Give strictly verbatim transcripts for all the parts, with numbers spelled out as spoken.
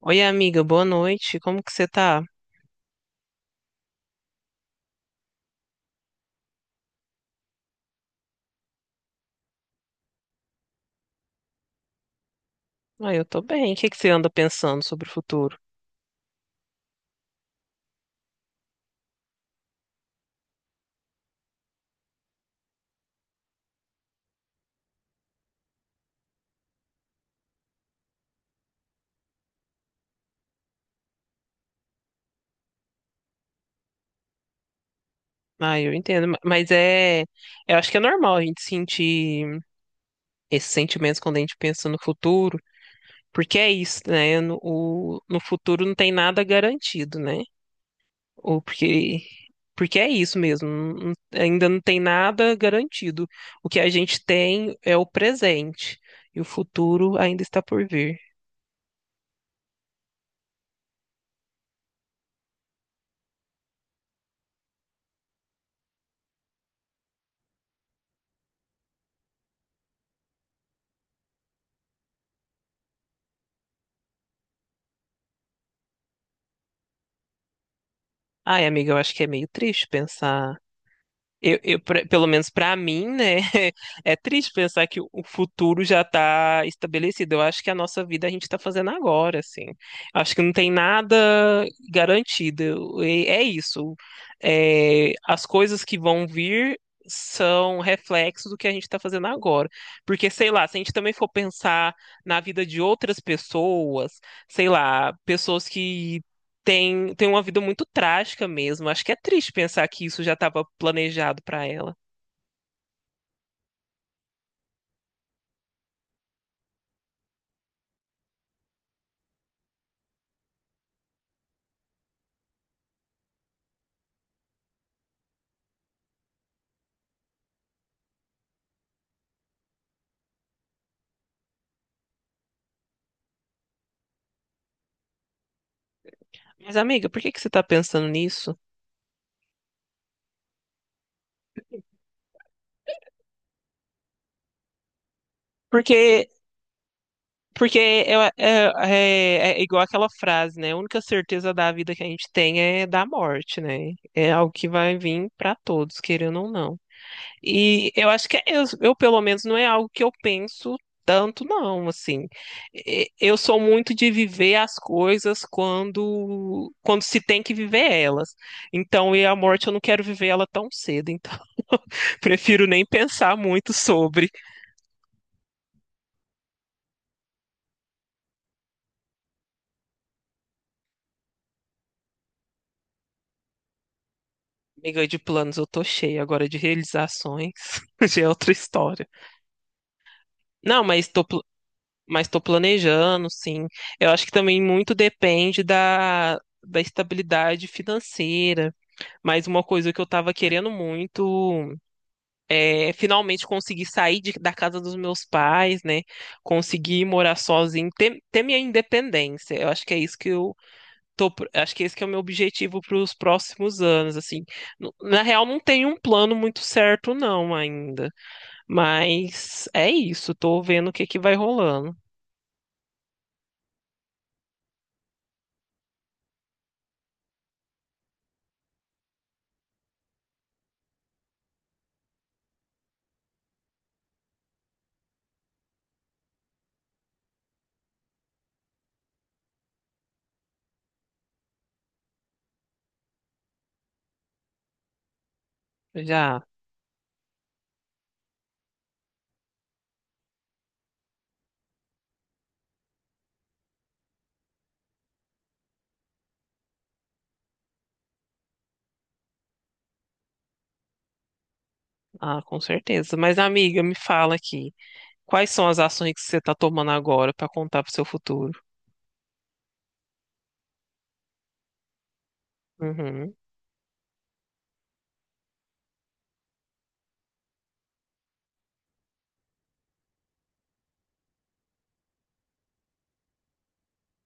Oi, amiga, boa noite. Como que você tá? Ah, eu tô bem. O que que você anda pensando sobre o futuro? Ah, eu entendo, ma- mas é, eu acho que é normal a gente sentir esses sentimentos quando a gente pensa no futuro, porque é isso, né? No, o- no futuro não tem nada garantido, né? Ou porque, porque é isso mesmo, não- ainda não tem nada garantido. O que a gente tem é o presente, e o futuro ainda está por vir. Ai, amiga, eu acho que é meio triste pensar. Eu, eu, pra- pelo menos para mim, né? É triste pensar que o o futuro já está estabelecido. Eu acho que a nossa vida a gente está fazendo agora, assim. Acho que não tem nada garantido. Eu- e- É isso. É, as coisas que vão vir são reflexos do que a gente está fazendo agora. Porque, sei lá, se a gente também for pensar na vida de outras pessoas, sei lá, pessoas que tem, tem uma vida muito trágica mesmo. Acho que é triste pensar que isso já estava planejado para ela. Mas, amiga, por que que você está pensando nisso? Porque, porque é, é, é- é igual aquela frase, né? A única certeza da vida que a gente tem é da morte, né? É algo que vai vir para todos, querendo ou não. E eu acho que é isso. Eu, pelo menos, não é algo que eu penso tanto, não, assim. E- Eu sou muito de viver as coisas quando quando se tem que viver elas. Então, e a morte eu não quero viver ela tão cedo, então prefiro nem pensar muito sobre. Amiga, de planos eu tô cheia agora de realizações, já é outra história. Não, mas tô pl- mas tô planejando, sim. Eu acho que também muito depende da da estabilidade financeira. Mas uma coisa que eu tava querendo muito é finalmente conseguir sair de- da casa dos meus pais, né? Conseguir morar sozinho, ter, ter minha independência. Eu acho que é isso que eu tô, pro- acho que esse que é o meu objetivo para os próximos anos, assim. Nu- Na real, não tenho um plano muito certo, não, ainda. Mas é isso, tô vendo o que que vai rolando. Já, ah, com certeza. Mas, amiga, me fala aqui, quais são as ações que você tá tomando agora para contar pro seu futuro? Uhum.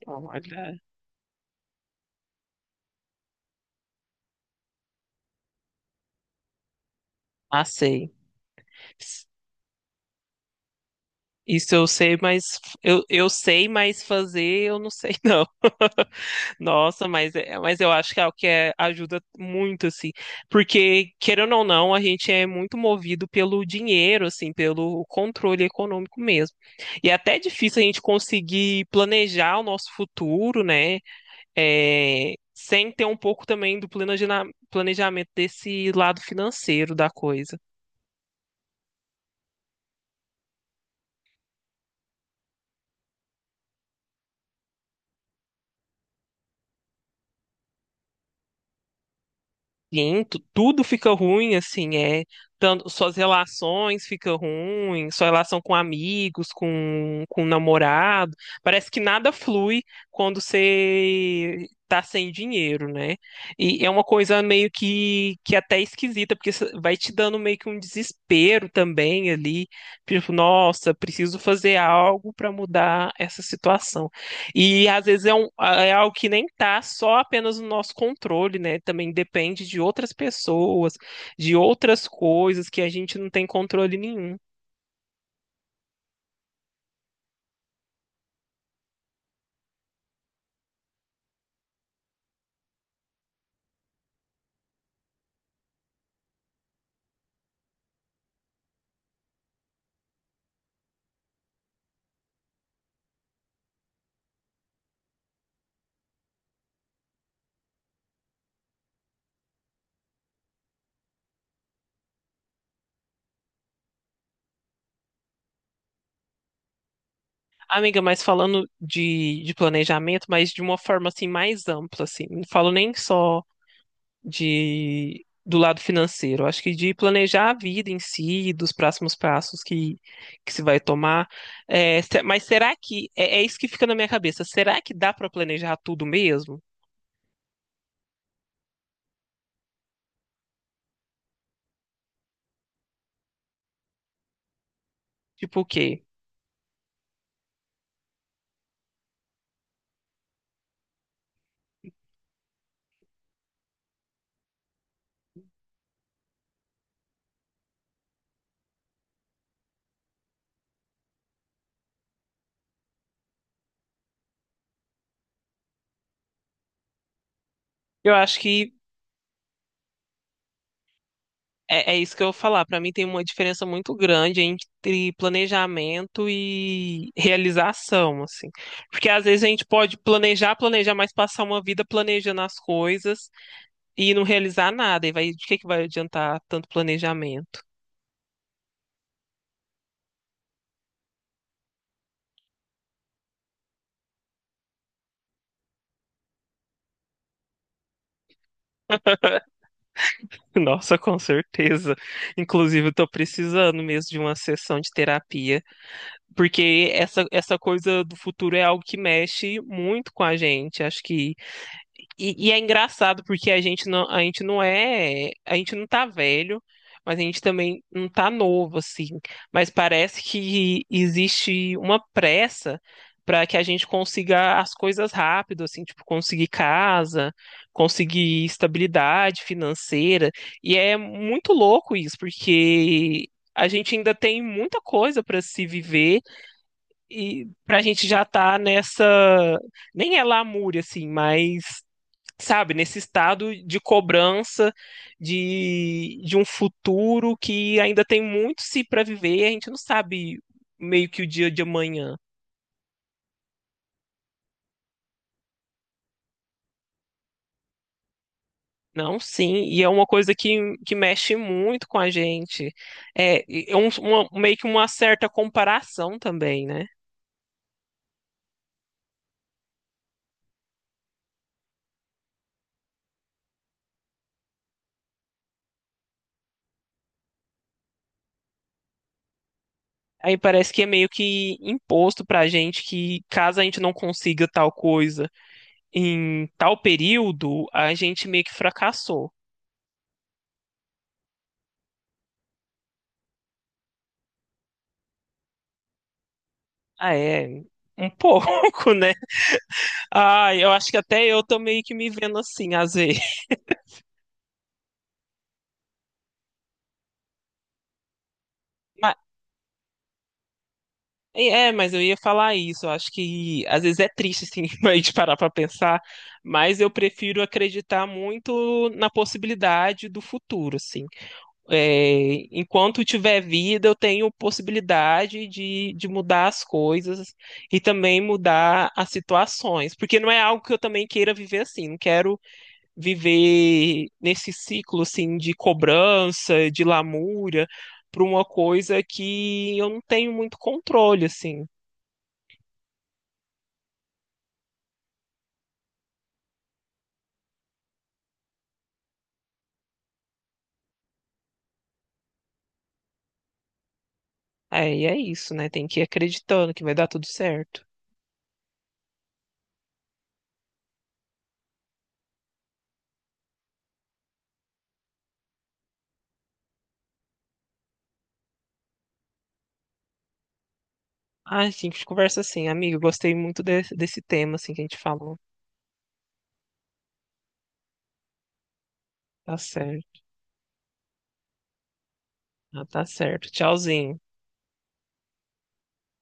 Olha, ah, sei. S- Isso eu sei, mas f- eu, eu sei, mas fazer eu não sei, não. Nossa, mas, é- mas eu acho que é o que é- ajuda muito, assim. Porque, querendo ou não, a gente é muito movido pelo dinheiro, assim, pelo controle econômico mesmo. E é até difícil a gente conseguir planejar o nosso futuro, né? É, sem ter um pouco também do planejina- planejamento desse lado financeiro da coisa. Sim, tu- tudo fica ruim, assim, é. Tanto, suas relações ficam ruins, sua relação com amigos, com, com namorado. Parece que nada flui quando você tá sem dinheiro, né? E é uma coisa meio que, que até esquisita, porque isso vai te dando meio que um desespero também ali. Tipo, nossa, preciso fazer algo para mudar essa situação. E às vezes é, um, é algo que nem tá só apenas no nosso controle, né? Também depende de outras pessoas, de outras coisas que a gente não tem controle nenhum. Amiga, mas falando de, de planejamento, mas de uma forma assim mais ampla, assim, não falo nem só de do lado financeiro, acho que de planejar a vida em si, dos próximos passos que, que se vai tomar. É, se- mas será que é, é isso que fica na minha cabeça? Será que dá para planejar tudo mesmo? Tipo o quê? Eu acho que é, é isso que eu vou falar. Para mim tem uma diferença muito grande entre planejamento e realização, assim. Porque às vezes a gente pode planejar, planejar, mas passar uma vida planejando as coisas e não realizar nada. E vai, de que que vai adiantar tanto planejamento? Nossa, com certeza. Inclusive, eu tô precisando mesmo de uma sessão de terapia, porque essa, essa coisa do futuro é algo que mexe muito com a gente. Acho que... E, e é engraçado porque a gente não, a gente não é, a gente não tá velho, mas a gente também não tá novo, assim. Mas parece que existe uma pressa para que a gente consiga as coisas rápido, assim, tipo, conseguir casa, conseguir estabilidade financeira. E é muito louco isso, porque a gente ainda tem muita coisa para se viver e pra gente já tá nessa, nem é lamúria, assim, mas sabe, nesse estado de cobrança de, de um futuro que ainda tem muito se para viver e a gente não sabe meio que o dia de amanhã. Não, sim, e é uma coisa que, que mexe muito com a gente. É, é um, uma- meio que uma certa comparação também, né? Aí parece que é meio que imposto pra gente que caso a gente não consiga tal coisa em tal período, a gente meio que fracassou. Ah, é, um pouco, né? Ah, eu acho que até eu tô meio que me vendo assim, às vezes. Mas- É, mas eu ia falar isso. Eu acho que às vezes é triste, assim, a gente parar pra pensar. Mas eu prefiro acreditar muito na possibilidade do futuro, assim. É, enquanto tiver vida, eu tenho possibilidade de, de mudar as coisas e também mudar as situações. Porque não é algo que eu também queira viver assim. Não quero viver nesse ciclo assim de cobrança, de lamúria, para uma coisa que eu não tenho muito controle assim. É, e é isso, né? Tem que ir acreditando que vai dar tudo certo. Ah, sim, que conversa assim, amigo. Gostei muito de- desse tema assim que a gente falou. Tá certo. Ah, tá certo. Tchauzinho.